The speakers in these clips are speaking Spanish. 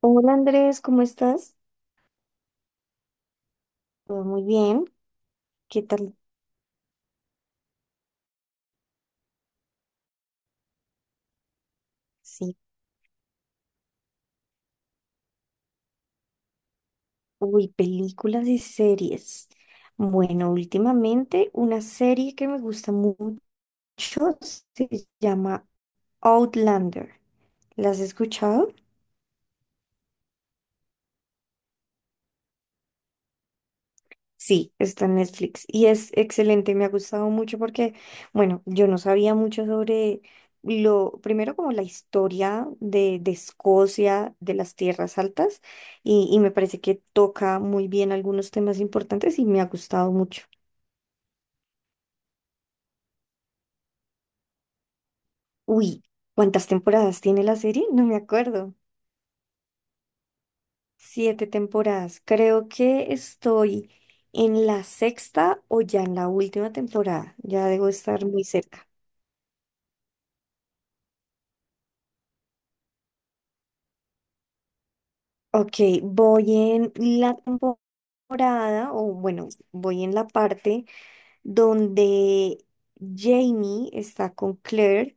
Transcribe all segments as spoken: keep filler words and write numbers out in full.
Hola Andrés, ¿cómo estás? Todo muy bien. ¿Qué tal? Sí. Uy, películas y series. Bueno, últimamente una serie que me gusta mucho se llama Outlander. ¿La has escuchado? Sí, está en Netflix y es excelente, me ha gustado mucho porque, bueno, yo no sabía mucho sobre lo, primero como la historia de, de Escocia, de las tierras altas y, y me parece que toca muy bien algunos temas importantes y me ha gustado mucho. Uy, ¿cuántas temporadas tiene la serie? No me acuerdo. Siete temporadas. Creo que estoy en la sexta o ya en la última temporada, ya debo estar muy cerca. Ok, voy en la temporada, o bueno, voy en la parte donde Jamie está con Claire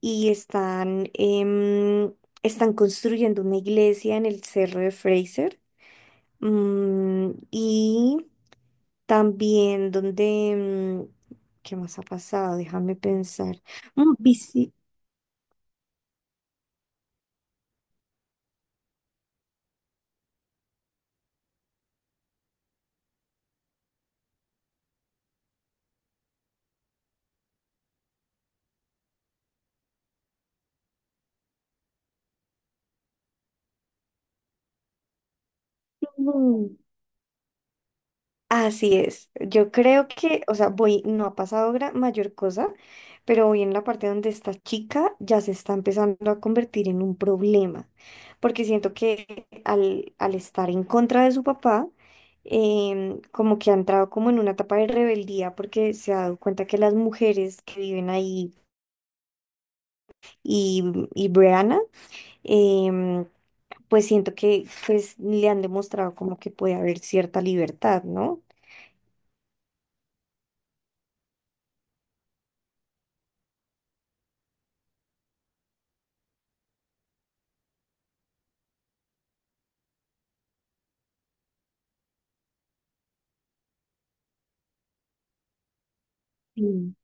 y están, em, están construyendo una iglesia en el cerro de Fraser. Mm, y también donde, mm, ¿qué más ha pasado? Déjame pensar. Mm, visi- Así es. Yo creo que, o sea, voy, no ha pasado gra- mayor cosa, pero voy en la parte donde esta chica ya se está empezando a convertir en un problema, porque siento que al, al estar en contra de su papá, em, como que ha entrado como en una etapa de rebeldía, porque se ha dado cuenta que las mujeres que viven ahí y, y Breana, em, pues siento que pues, le han demostrado como que puede haber cierta libertad, ¿no? Sí.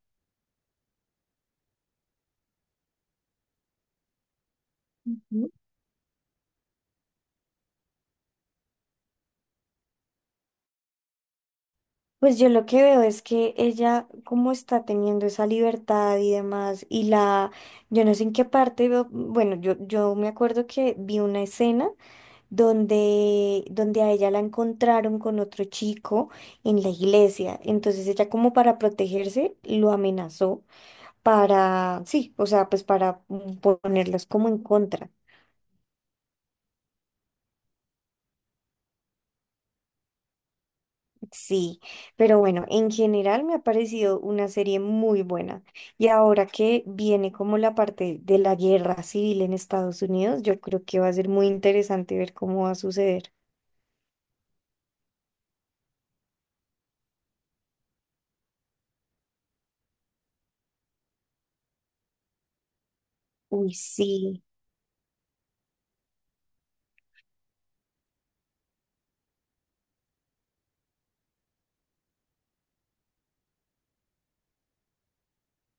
Pues yo lo que veo es que ella como está teniendo esa libertad y demás, y la, yo no sé en qué parte veo, bueno, yo, yo me acuerdo que vi una escena donde, donde a ella la encontraron con otro chico en la iglesia, entonces ella como para protegerse lo amenazó para, sí, o sea, pues para ponerlas como en contra. Sí, pero bueno, en general me ha parecido una serie muy buena. Y ahora que viene como la parte de la guerra civil en Estados Unidos, yo creo que va a ser muy interesante ver cómo va a suceder. Uy, sí,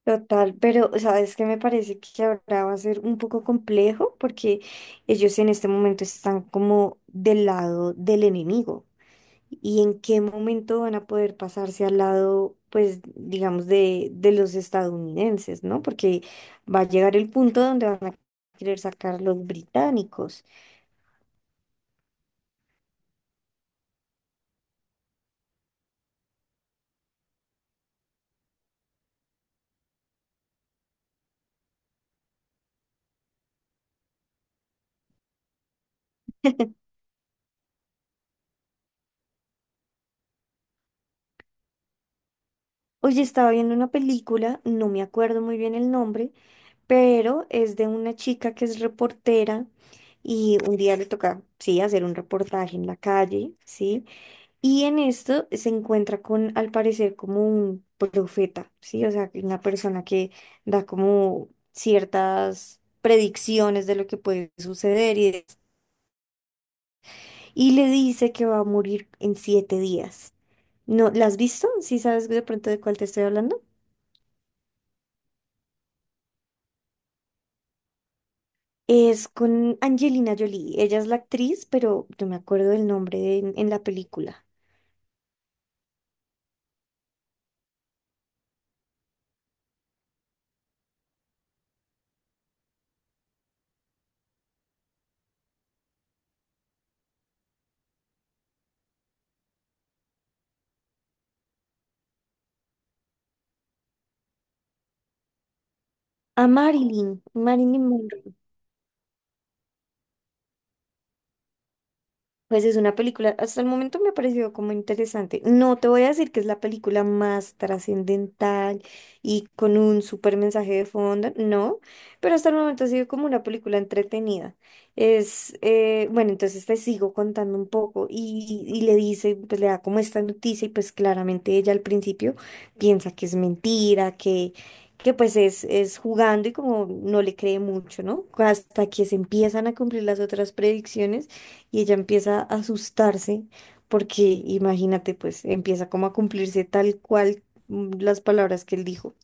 total, pero sabes que me parece que ahora va a ser un poco complejo porque ellos en este momento están como del lado del enemigo. Y en qué momento van a poder pasarse al lado, pues, digamos, de, de los estadounidenses, ¿no? Porque va a llegar el punto donde van a querer sacar los británicos. Oye, estaba viendo una película, no me acuerdo muy bien el nombre, pero es de una chica que es reportera y un día le toca, sí, hacer un reportaje en la calle, ¿sí? Y en esto se encuentra con, al parecer, como un profeta, ¿sí? O sea, una persona que da como ciertas predicciones de lo que puede suceder y, de- y le dice que va a morir en siete días. ¿No, la has visto? ¿Sí sabes de pronto de cuál te estoy hablando? Es con Angelina Jolie. Ella es la actriz, pero no me acuerdo del nombre de- en la película. A Marilyn, Marilyn Monroe. Pues es una película, hasta el momento me ha parecido como interesante. No te voy a decir que es la película más trascendental y con un súper mensaje de fondo, no, pero hasta el momento ha sido como una película entretenida. Es, eh, bueno, entonces te sigo contando un poco y, y le dice, pues le da como esta noticia y pues claramente ella al principio piensa que es mentira, que, que pues es, es jugando y como no le cree mucho, ¿no? Hasta que se empiezan a cumplir las otras predicciones y ella empieza a asustarse porque, imagínate, pues empieza como a cumplirse tal cual mm, las palabras que él dijo.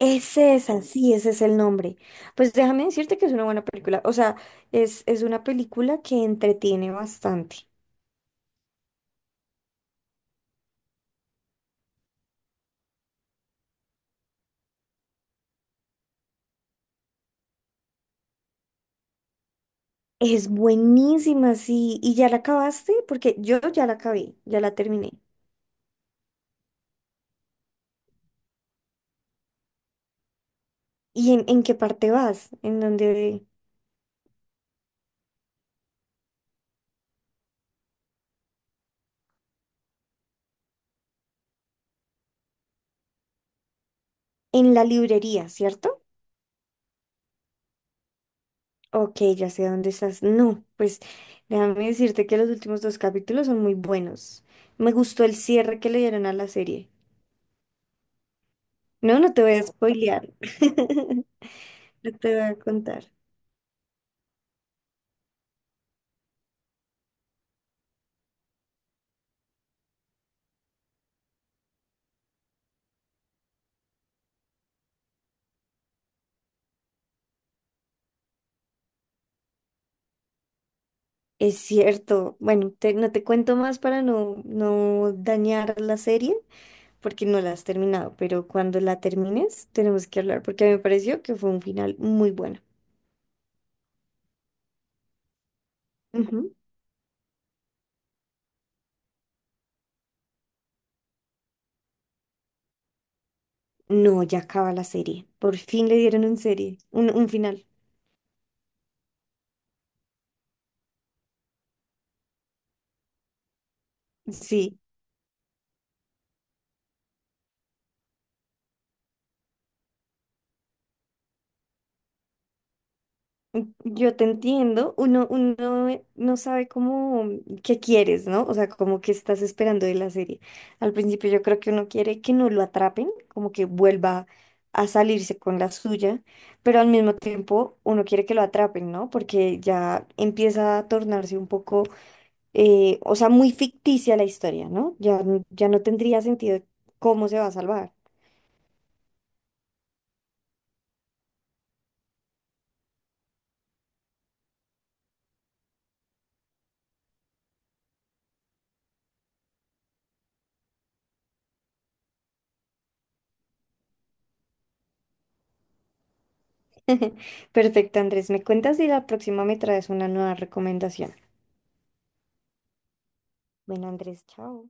Es esa, sí, ese es el nombre. Pues déjame decirte que es una buena película. O sea, es, es una película que entretiene bastante. Es buenísima, sí. ¿Y ya la acabaste? Porque yo ya la acabé, ya la terminé. ¿Y en, en qué parte vas? En donde, en la librería, ¿cierto? Ok, ya sé dónde estás. No, pues déjame decirte que los últimos dos capítulos son muy buenos. Me gustó el cierre que le dieron a la serie. No, no te voy a spoilear. No te voy a contar. Es cierto. Bueno, te- no te cuento más para no, no dañar la serie, porque no la has terminado, pero cuando la termines tenemos que hablar, porque a mí me pareció que fue un final muy bueno. Ujú. No, ya acaba la serie. Por fin le dieron un serie, un, un final. Sí. Yo te entiendo, uno, uno eh, no sabe cómo, mm, qué quieres, ¿no? O sea, como que estás esperando de la serie. Al principio yo creo que uno quiere que no lo atrapen, como que vuelva a salirse con la suya, pero al mismo tiempo uno quiere que lo atrapen, ¿no? Porque ya empieza a tornarse un poco, eh, o sea, muy ficticia la historia, ¿no? Ya, n- ya no tendría sentido cómo se va a salvar. Perfecto, Andrés, me cuentas y la próxima me traes una nueva recomendación. Bueno, Andrés, chao.